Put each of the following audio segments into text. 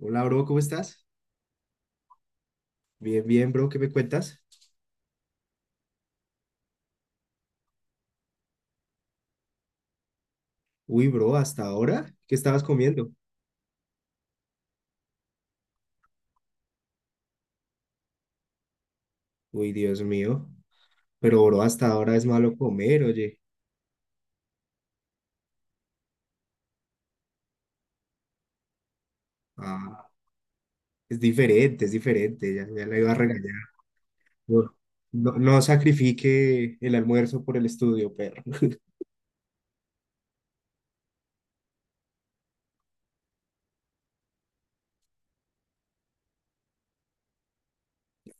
Hola, bro, ¿cómo estás? Bien, bro, ¿qué me cuentas? Uy, bro, ¿hasta ahora? ¿Qué estabas comiendo? Uy, Dios mío. Pero, bro, hasta ahora es malo comer, oye. Ah, es diferente, es diferente, ya, ya la iba a regañar. No, no, no sacrifique el almuerzo por el estudio, perro.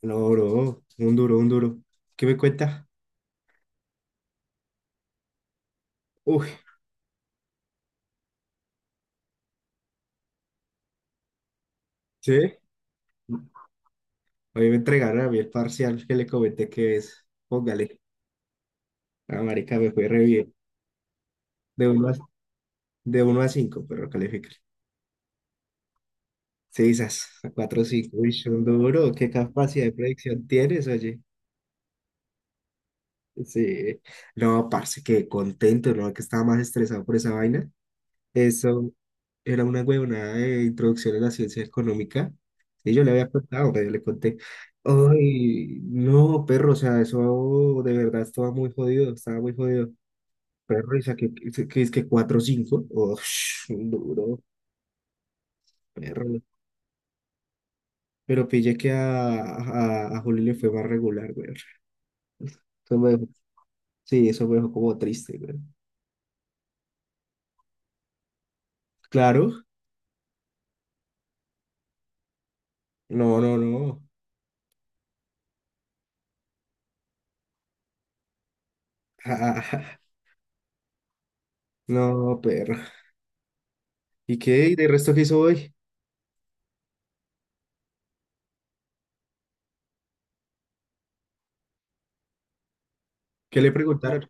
No, bro, un duro, un duro. ¿Qué me cuenta? Uy, ¿sí? Hoy me entregaron a mí el parcial que le comenté que es. Póngale. La marica me fue re bien. De 1 a, de uno a 5, pero califica. Sí, esas cuatro, cinco, uy, son duro, qué capacidad de predicción tienes, oye. Sí, no, parce, qué contento, no, que estaba más estresado por esa vaina. Eso era una huevonada de introducción a la ciencia económica. Y yo le había contado, pero yo le conté, ay, no, perro, o sea, eso de verdad estaba muy jodido, estaba muy jodido. Perro, y saqué, que es que cuatro, cinco, oh, un duro, perro. Pero pillé que a Juli le fue más regular, güey. Eso me dejó- sí, eso me dejó como triste, güey. Claro, no, no, no. No, perro. ¿Y qué? ¿Y de resto qué hizo hoy? ¿Qué le preguntaron?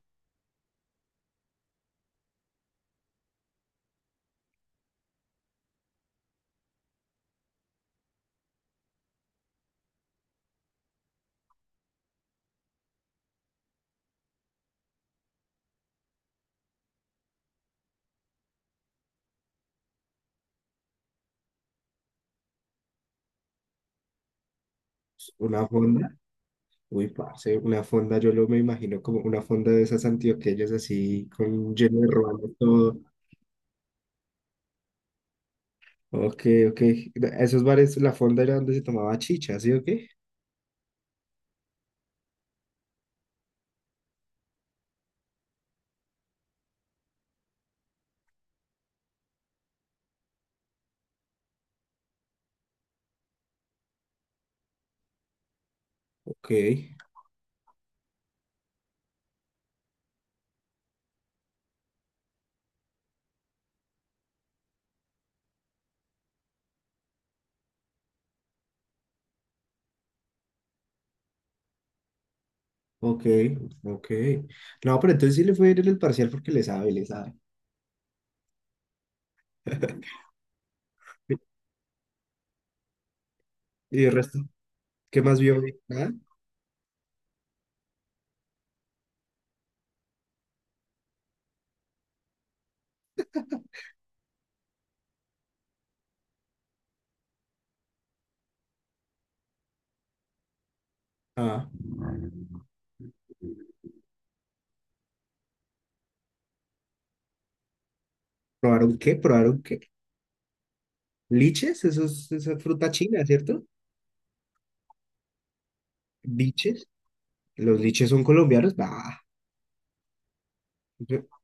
¿Una fonda? Uy, parce, una fonda, yo lo me imagino como una fonda de esas antioqueñas así, con lleno de ruano todo. Ok, ok. Esos bares, la fonda era donde se tomaba chicha, ¿sí o qué? Ok, ok, ok. No, pero entonces sí le fue bien en el parcial porque le sabe, le sabe. ¿Y el resto? ¿Qué más vio hoy? ¿Nada? Ah. ¿Probaron qué? ¿Probaron qué? ¿Liches? Eso es, esa es fruta china, ¿cierto? ¿Liches? ¿Los liches son colombianos? Bah, yo-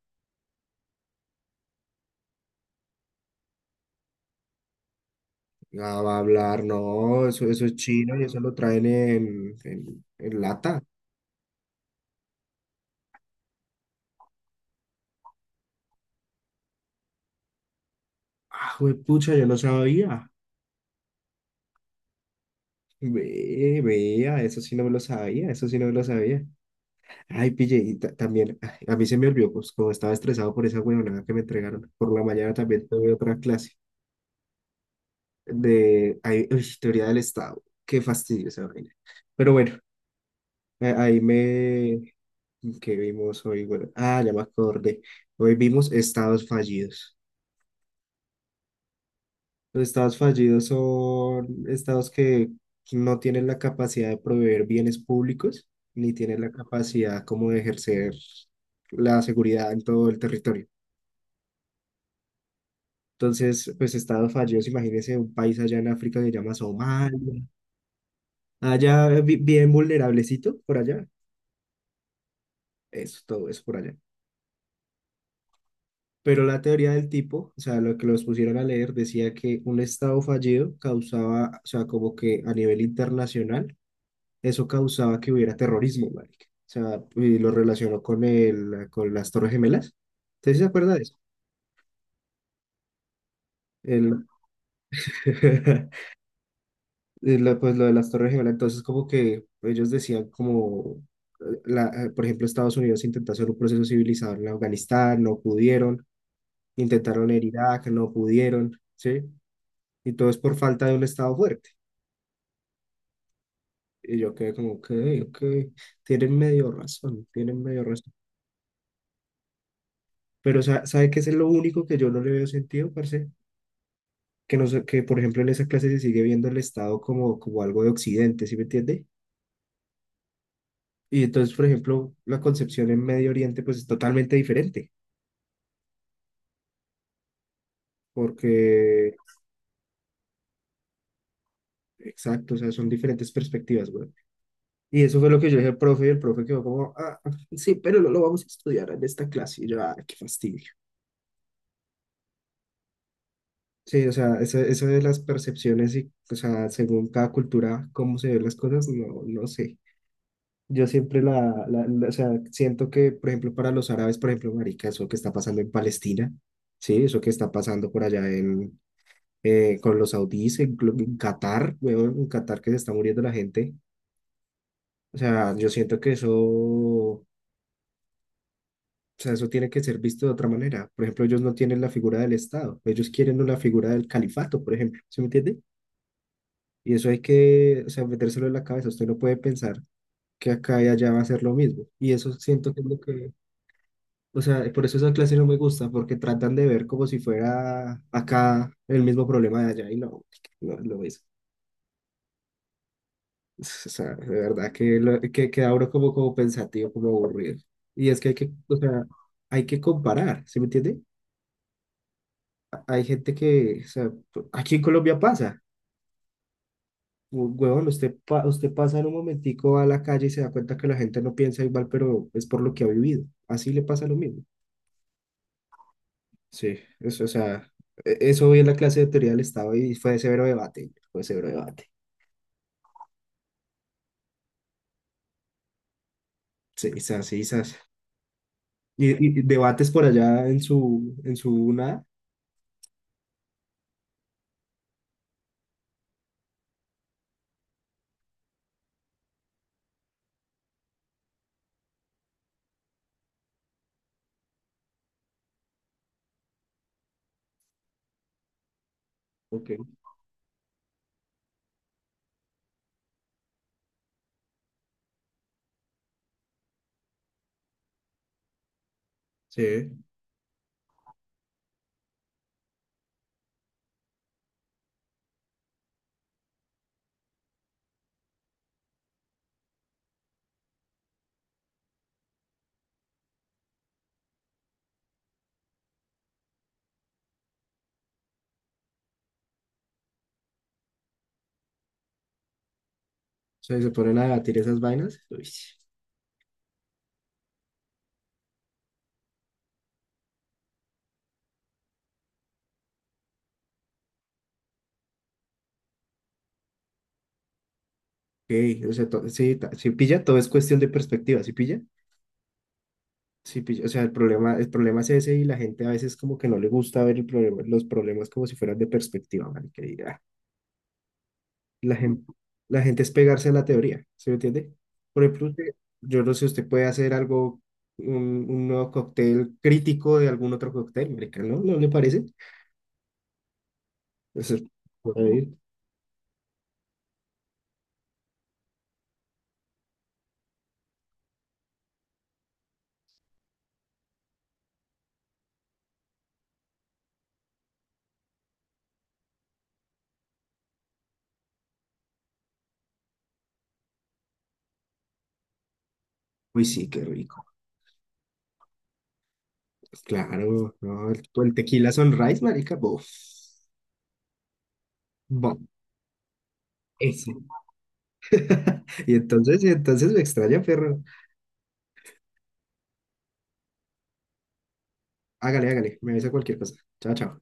ah, va a hablar, no, eso es chino y eso lo traen en lata. Ah, pucha, yo no sabía. Ve, vea, eso sí no me lo sabía, eso sí no me lo sabía. Ay, pille, y también, ay, a mí se me olvidó, pues como estaba estresado por esa huevonada que me entregaron. Por la mañana también tuve otra clase de teoría del Estado. Qué fastidio esa vaina. Pero bueno. Ahí me... ¿Qué vimos hoy? Bueno, ya me acordé. Hoy vimos estados fallidos. Los estados fallidos son estados que no tienen la capacidad de proveer bienes públicos, ni tienen la capacidad como de ejercer la seguridad en todo el territorio. Entonces, pues estados fallidos, imagínense un país allá en África que se llama Somalia, allá bien vulnerablecito por allá. Eso, todo eso por allá. Pero la teoría del tipo, o sea, lo que los pusieron a leer, decía que un Estado fallido causaba, o sea, como que a nivel internacional, eso causaba que hubiera terrorismo, marica. O sea, y lo relacionó con el, con las Torres Gemelas. ¿Usted sí se acuerda de eso? El, pues lo de las Torres Gemelas, entonces como que ellos decían como, por ejemplo, Estados Unidos intentó hacer un proceso civilizador en Afganistán, no pudieron, intentaron en Irak, no pudieron, ¿sí? Y todo es por falta de un Estado fuerte. Y yo quedé como, ok, ok, tienen medio razón, tienen medio razón. Pero ¿sabe qué es lo único que yo no le veo sentido, parce? Que, no, por ejemplo, en esa clase se sigue viendo el Estado como, como algo de Occidente, ¿sí me entiende? Y entonces, por ejemplo, la concepción en Medio Oriente, pues es totalmente diferente, porque, exacto, o sea, son diferentes perspectivas, güey. Y eso fue lo que yo dije al profe, y el profe quedó como, sí, pero no lo vamos a estudiar en esta clase. Y yo, ah, qué fastidio. Sí, o sea, eso de las percepciones y, o sea, según cada cultura, cómo se ven las cosas, no, no sé. Yo siempre o sea, siento que, por ejemplo, para los árabes, por ejemplo, marica, eso que está pasando en Palestina, sí, eso que está pasando por allá con los saudíes, en Qatar, weón, en Qatar que se está muriendo la gente. O sea, yo siento que eso, o sea, eso tiene que ser visto de otra manera. Por ejemplo, ellos no tienen la figura del Estado, ellos quieren una figura del califato, por ejemplo, ¿se me entiende? Y eso hay que, o sea, metérselo en la cabeza. Usted no puede pensar que acá y allá va a ser lo mismo. Y eso siento que es lo que, o sea, por eso esa clase no me gusta, porque tratan de ver como si fuera acá el mismo problema de allá. Y no, no es lo mismo. O sea, de verdad que, lo, que queda uno como, como pensativo, como aburrido. Y es que hay que, o sea, hay que comparar, ¿sí me entiende? Hay gente que, o sea, aquí en Colombia pasa. Huevón, usted pasa en un momentico a la calle y se da cuenta que la gente no piensa igual, pero es por lo que ha vivido. Así le pasa lo mismo. Sí, eso, o sea, eso vi en la clase de teoría del Estado y fue severo debate, fue severo debate. Sí, esas, sí, sas. Y debates por allá en su nada. Ok, sí. O sea, se ponen a debatir esas vainas. Uy, ok, o sea, sí pilla, todo es cuestión de perspectiva, ¿sí pilla? Sí, o sea, el problema es ese y la gente a veces como que no le gusta ver el problema, los problemas como si fueran de perspectiva, marica, y, ah, la gente, la gente es pegarse a la teoría, ¿se me entiende? Por ejemplo, yo no sé, usted puede hacer algo, un, un nuevo cóctel crítico de algún otro cóctel, marica, ¿no? ¿No le parece? Eso, por ahí. Uy, sí, qué rico. Claro, no, el tequila Sunrise, marica, bof, bof, ese. Y entonces me extraña, perro. Hágale, hágale. Me avisa cualquier cosa. Chao, chao.